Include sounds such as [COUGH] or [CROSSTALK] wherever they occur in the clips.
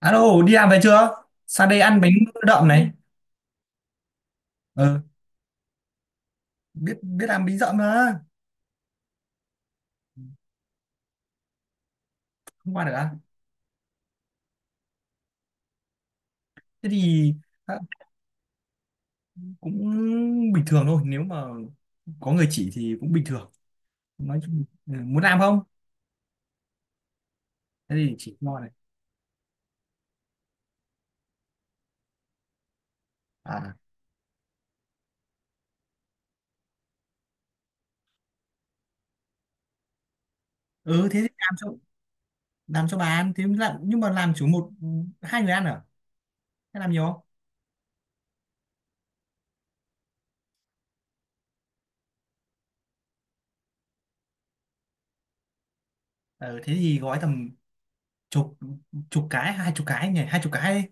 Alo, đi làm về chưa? Sang đây ăn bánh đậm này. Ờ, biết biết làm bánh đậm mà. Không qua được à? Thế thì à, cũng bình thường thôi, nếu mà có người chỉ thì cũng bình thường. Nói chung muốn làm không? Thế thì chỉ ngon này. À, ừ, thế thì làm cho bà ăn. Thế làm, nhưng mà làm chỉ một hai người ăn à? Thế làm nhiều không? Ờ, thế thì gói tầm chục chục cái, hai chục cái nhỉ, hai chục cái đi.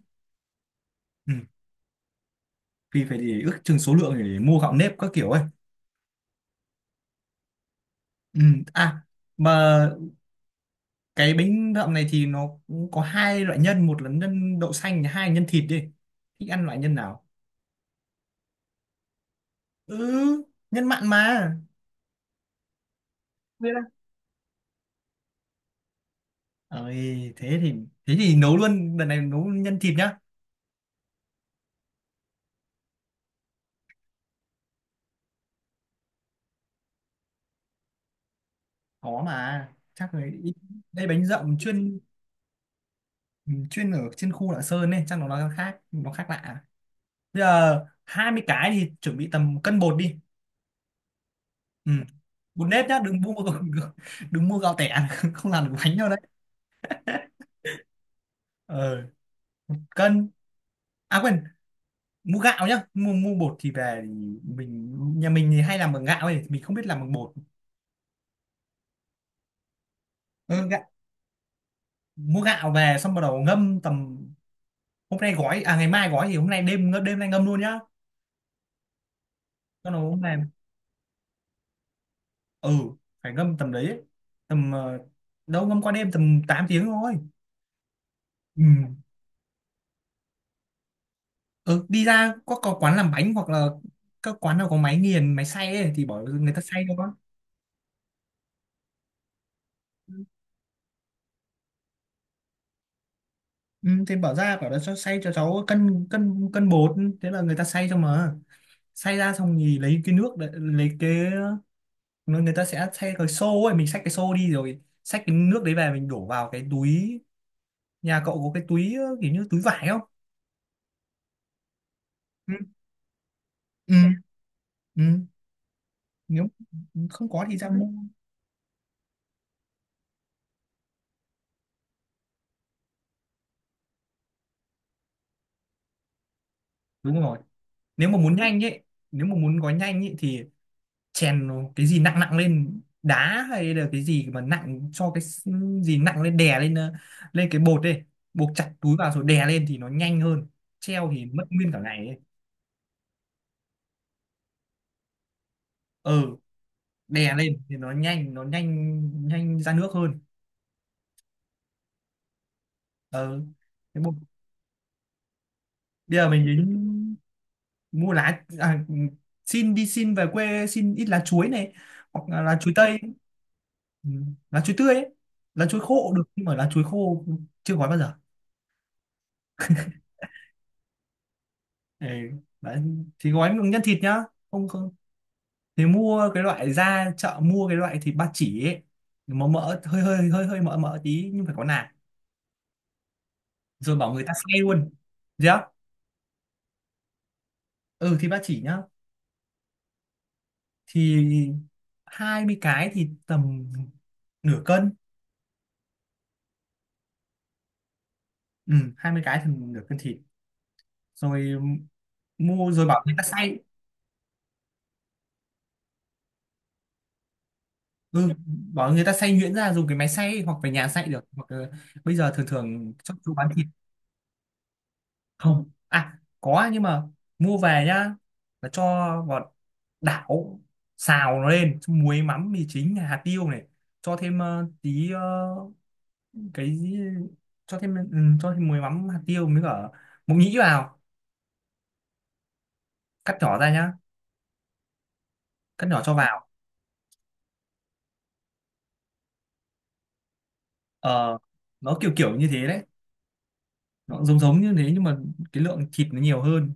Ừ, vì phải để ước chừng số lượng để mua gạo nếp các kiểu ấy. Ừ, à mà cái bánh đậm này thì nó cũng có hai loại nhân, một là nhân đậu xanh, hai là nhân thịt đi. Thích ăn loại nhân nào? Ừ, nhân mặn mà. Biết đấy ơi, thế thì nấu luôn, lần này nấu nhân thịt nhá. Khó mà, chắc là ít- đây bánh dậm chuyên chuyên ở trên khu Lạng Sơn nên chắc nó khác lạ. Bây giờ 20 cái thì chuẩn bị tầm một cân bột đi. Ừ, bột nếp nhá, đừng mua [LAUGHS] đừng, đừng mua gạo tẻ [LAUGHS] không làm được bánh đâu đấy. Ờ, cân, à quên, mua gạo nhá. Mua mua bột thì về, thì mình nhà mình thì hay làm bằng gạo ấy, mình không biết làm bằng bột. Ừ, gạo, mua gạo về xong bắt đầu ngâm tầm, hôm nay gói à ngày mai gói, thì hôm nay đêm đêm nay ngâm luôn nhá. Cho nó hôm nay, ừ phải ngâm tầm đấy ấy. Tầm đâu ngâm qua đêm tầm 8 tiếng thôi. Ừ. Ừ, đi ra có quán làm bánh, hoặc là các quán nào có máy nghiền máy xay ấy, thì bỏ người ta xay cho con. Ừ, thì bảo ra, bảo là cho xay cho cháu cân, cân bột, thế là người ta xay cho mà. Xay ra xong thì lấy cái nước đấy, lấy cái người người ta sẽ xay cái xô ấy, mình xách cái xô đi rồi xách cái nước đấy về, mình đổ vào cái túi. Nhà cậu có cái túi kiểu như túi vải không? Ừ. Ừ. Ừ. Nếu không có thì ra mua. Đúng rồi, nếu mà muốn nhanh ấy, nếu mà muốn gói nhanh ấy thì chèn cái gì nặng nặng lên, đá hay là cái gì mà nặng, cho gì nặng lên, đè lên, lên cái bột đi, buộc chặt túi vào rồi đè lên thì nó nhanh hơn, treo thì mất nguyên cả ngày ấy. Ờ, đè lên thì nó nhanh, nhanh ra nước hơn. Ờ, thế bột. Bây giờ mình đến mua lá, à, xin về quê xin ít lá chuối này, hoặc là lá chuối tây. Ừ, lá chuối tươi ấy. Lá chuối khô cũng được, nhưng mà lá chuối khô chưa gói bao giờ. Ừ, đấy. Thì gói bằng nhân thịt nhá. Không, không, thì mua cái loại, ra chợ mua cái loại thịt ba chỉ ấy, mà mỡ hơi hơi hơi hơi mỡ mỡ tí nhưng phải có nạc, rồi bảo người ta xay luôn. Được. Ừ, thịt ba chỉ nhá. Thì 20 cái thì tầm nửa cân. Ừ, 20 cái thì nửa cân thịt. Rồi mua rồi bảo người ta xay. Ừ, bảo người ta xay nhuyễn ra, dùng cái máy xay hoặc về nhà xay được, hoặc là bây giờ thường thường trong chỗ bán thịt. Không, à có, à, nhưng mà mua về nhá, là cho vào đảo, xào nó lên xong muối mắm mì chính hạt tiêu này, cho thêm tí cái gì- cho thêm muối mắm hạt tiêu, mới cả mộc nhĩ vào, cắt nhỏ ra nhá, cắt nhỏ cho vào. Ờ, nó kiểu kiểu như thế đấy, nó giống giống như thế nhưng mà cái lượng thịt nó nhiều hơn.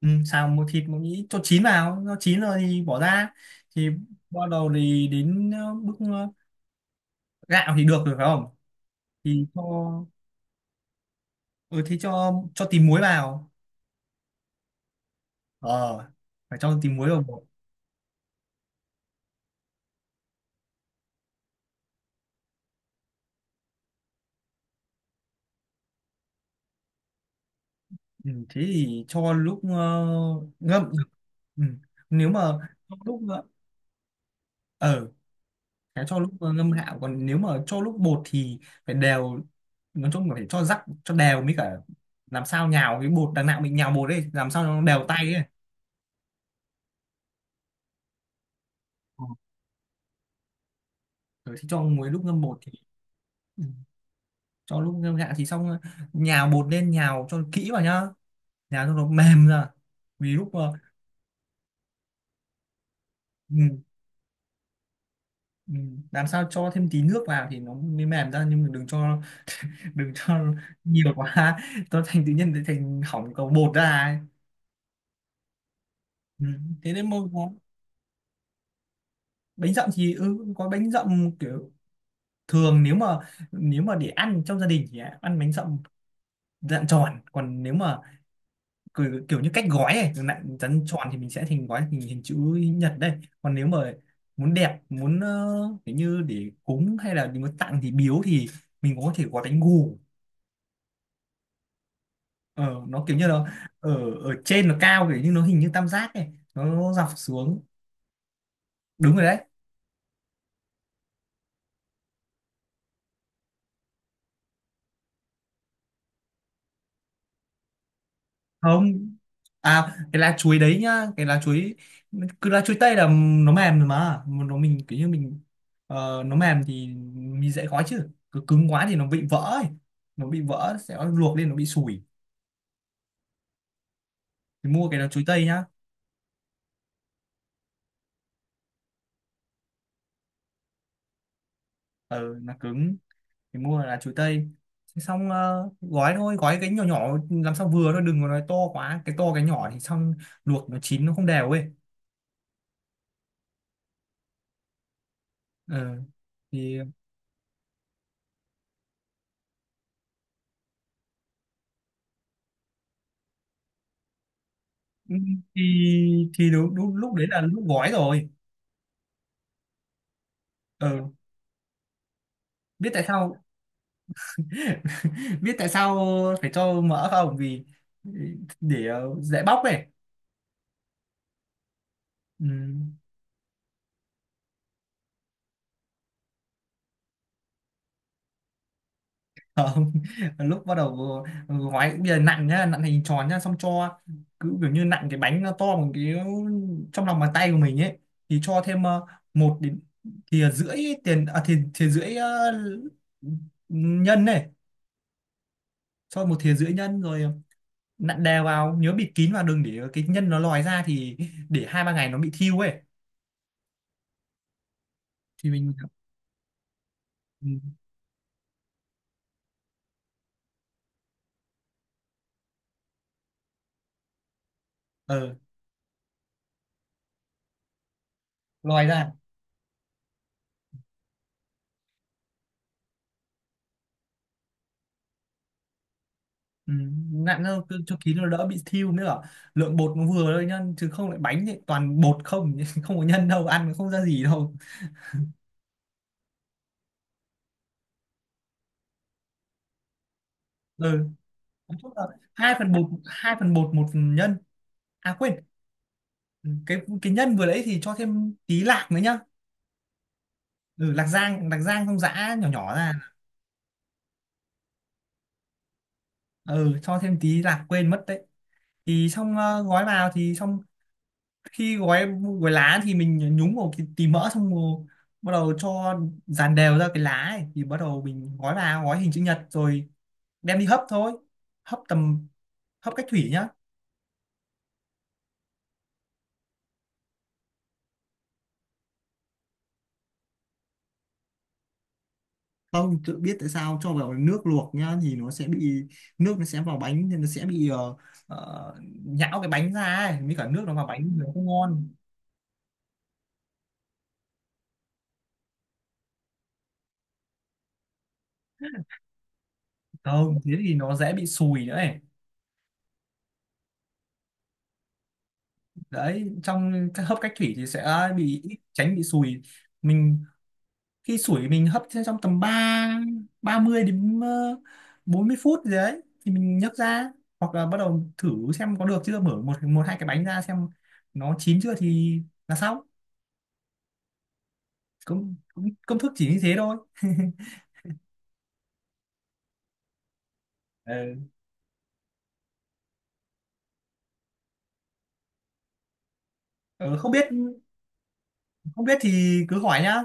Ừ, xào một thịt mộc nhĩ cho chín vào, nó chín rồi thì bỏ ra. Thì bắt đầu thì đến bước gạo thì được rồi phải không? Thì cho. Ừ, thế cho tí muối vào. Ờ, phải cho tí muối vào bột. Ừ, thế thì cho lúc ngâm. Ừ. Nếu mà cho lúc ờ cho lúc ngâm gạo, còn nếu mà cho lúc bột thì phải đều, nói chung là phải cho rắc cho đều, mới cả làm sao nhào cái bột, đằng nào mình nhào bột ấy làm sao nó đều tay ấy. Ờ, rồi thì cho muối lúc ngâm bột, thì ừ, cho lúc ngâm gạo thì xong. Ờ, nhào bột lên, nhào cho kỹ vào nhá, nhào cho nó mềm ra vì lúc ừ, Ừ, làm sao cho thêm tí nước vào thì nó mới mềm ra, nhưng mà đừng cho [LAUGHS] nhiều quá, nó thành tự nhiên thành hỏng cầu bột ra ấy. Ừ. Thế nên mà có bánh dặm, thì ừ, có bánh dặm kiểu thường, nếu mà để ăn trong gia đình thì ăn bánh dặm dạng tròn, còn nếu mà kiểu, kiểu như cách gói này dạng rắn tròn thì mình sẽ thành gói hình hình chữ nhật đây, còn nếu mà muốn đẹp, muốn kiểu như để cúng hay là muốn tặng thì biếu, thì mình có thể gói bánh gù. Ờ, nó kiểu như nó ở ở trên nó cao, kiểu như nó hình như tam giác này, nó dọc xuống. Đúng rồi đấy. Không, à cái lá chuối đấy nhá, cái lá chuối, cứ lá chuối tây là nó mềm rồi Mà nó mình kiểu như nó mềm thì mình dễ gói, chứ cứ cứng quá thì nó bị vỡ ấy. Nó bị vỡ sẽ luộc lên nó bị sủi, thì mua cái lá chuối tây nhá. Ờ, nó cứng thì mua là chuối tây. Thế xong gói thôi, gói cái nhỏ nhỏ làm sao vừa thôi, đừng có nói to quá, cái to cái nhỏ thì xong luộc nó chín nó không đều ấy. Ờ. Thì ừ, thì đúng, lúc đấy là lúc gói rồi. Ờ, biết tại sao [LAUGHS] biết tại sao phải cho mỡ không, vì để dễ bóc này. Ừ, không [LAUGHS] lúc bắt đầu gói. Bây giờ nặn nhá, nặn hình tròn nhá xong cho, cứ kiểu như nặn cái bánh nó to bằng cái trong lòng bàn tay của mình ấy, thì cho thêm một đến thìa rưỡi, tiền à thìa rưỡi nhân này, cho một thìa rưỡi nhân rồi nặn đều vào, nhớ bịt kín vào đừng để cái nhân nó lòi ra, thì để hai ba ngày nó bị thiêu ấy, thì mình ừ, ờ lòi ra. Ừ, nặng hơn cứ cho ký nó đỡ bị thiêu nữa, lượng bột nó vừa thôi nhá, chứ không lại bánh thì toàn bột không [LAUGHS] không có nhân đâu, ăn nó không ra gì đâu. Ừ. Nói chung là hai phần bột một phần nhân, à quên, ừ, cái nhân vừa đấy thì cho thêm tí lạc nữa nhá. Ừ, lạc rang không, giã nhỏ nhỏ ra. Ừ, cho thêm tí lạc quên mất đấy, thì xong gói vào thì xong. Khi gói, lá thì mình nhúng vào cái tí mỡ xong rồi bắt đầu cho dàn đều ra cái lá ấy. Thì bắt đầu mình gói vào, gói hình chữ nhật rồi đem đi hấp thôi. hấp tầm Hấp cách thủy nhá. Không, tự biết tại sao cho vào nước luộc nhá thì nó sẽ bị nước, nó sẽ vào bánh nên nó sẽ bị ờ, nhão cái bánh ra ấy, mới cả nước nó vào bánh thì nó không ngon. Không, thế thì nó dễ bị sùi nữa ấy, đấy trong cái hấp cách thủy thì sẽ bị ít, tránh bị sùi. Mình khi sủi mình hấp trong, tầm 3 30 đến 40 phút gì đấy thì mình nhấc ra, hoặc là bắt đầu thử xem có được chưa, mở một một hai cái bánh ra xem nó chín chưa thì là xong. Công công, Công thức chỉ như thế thôi. Ờ, ờ, không biết thì cứ hỏi nhá.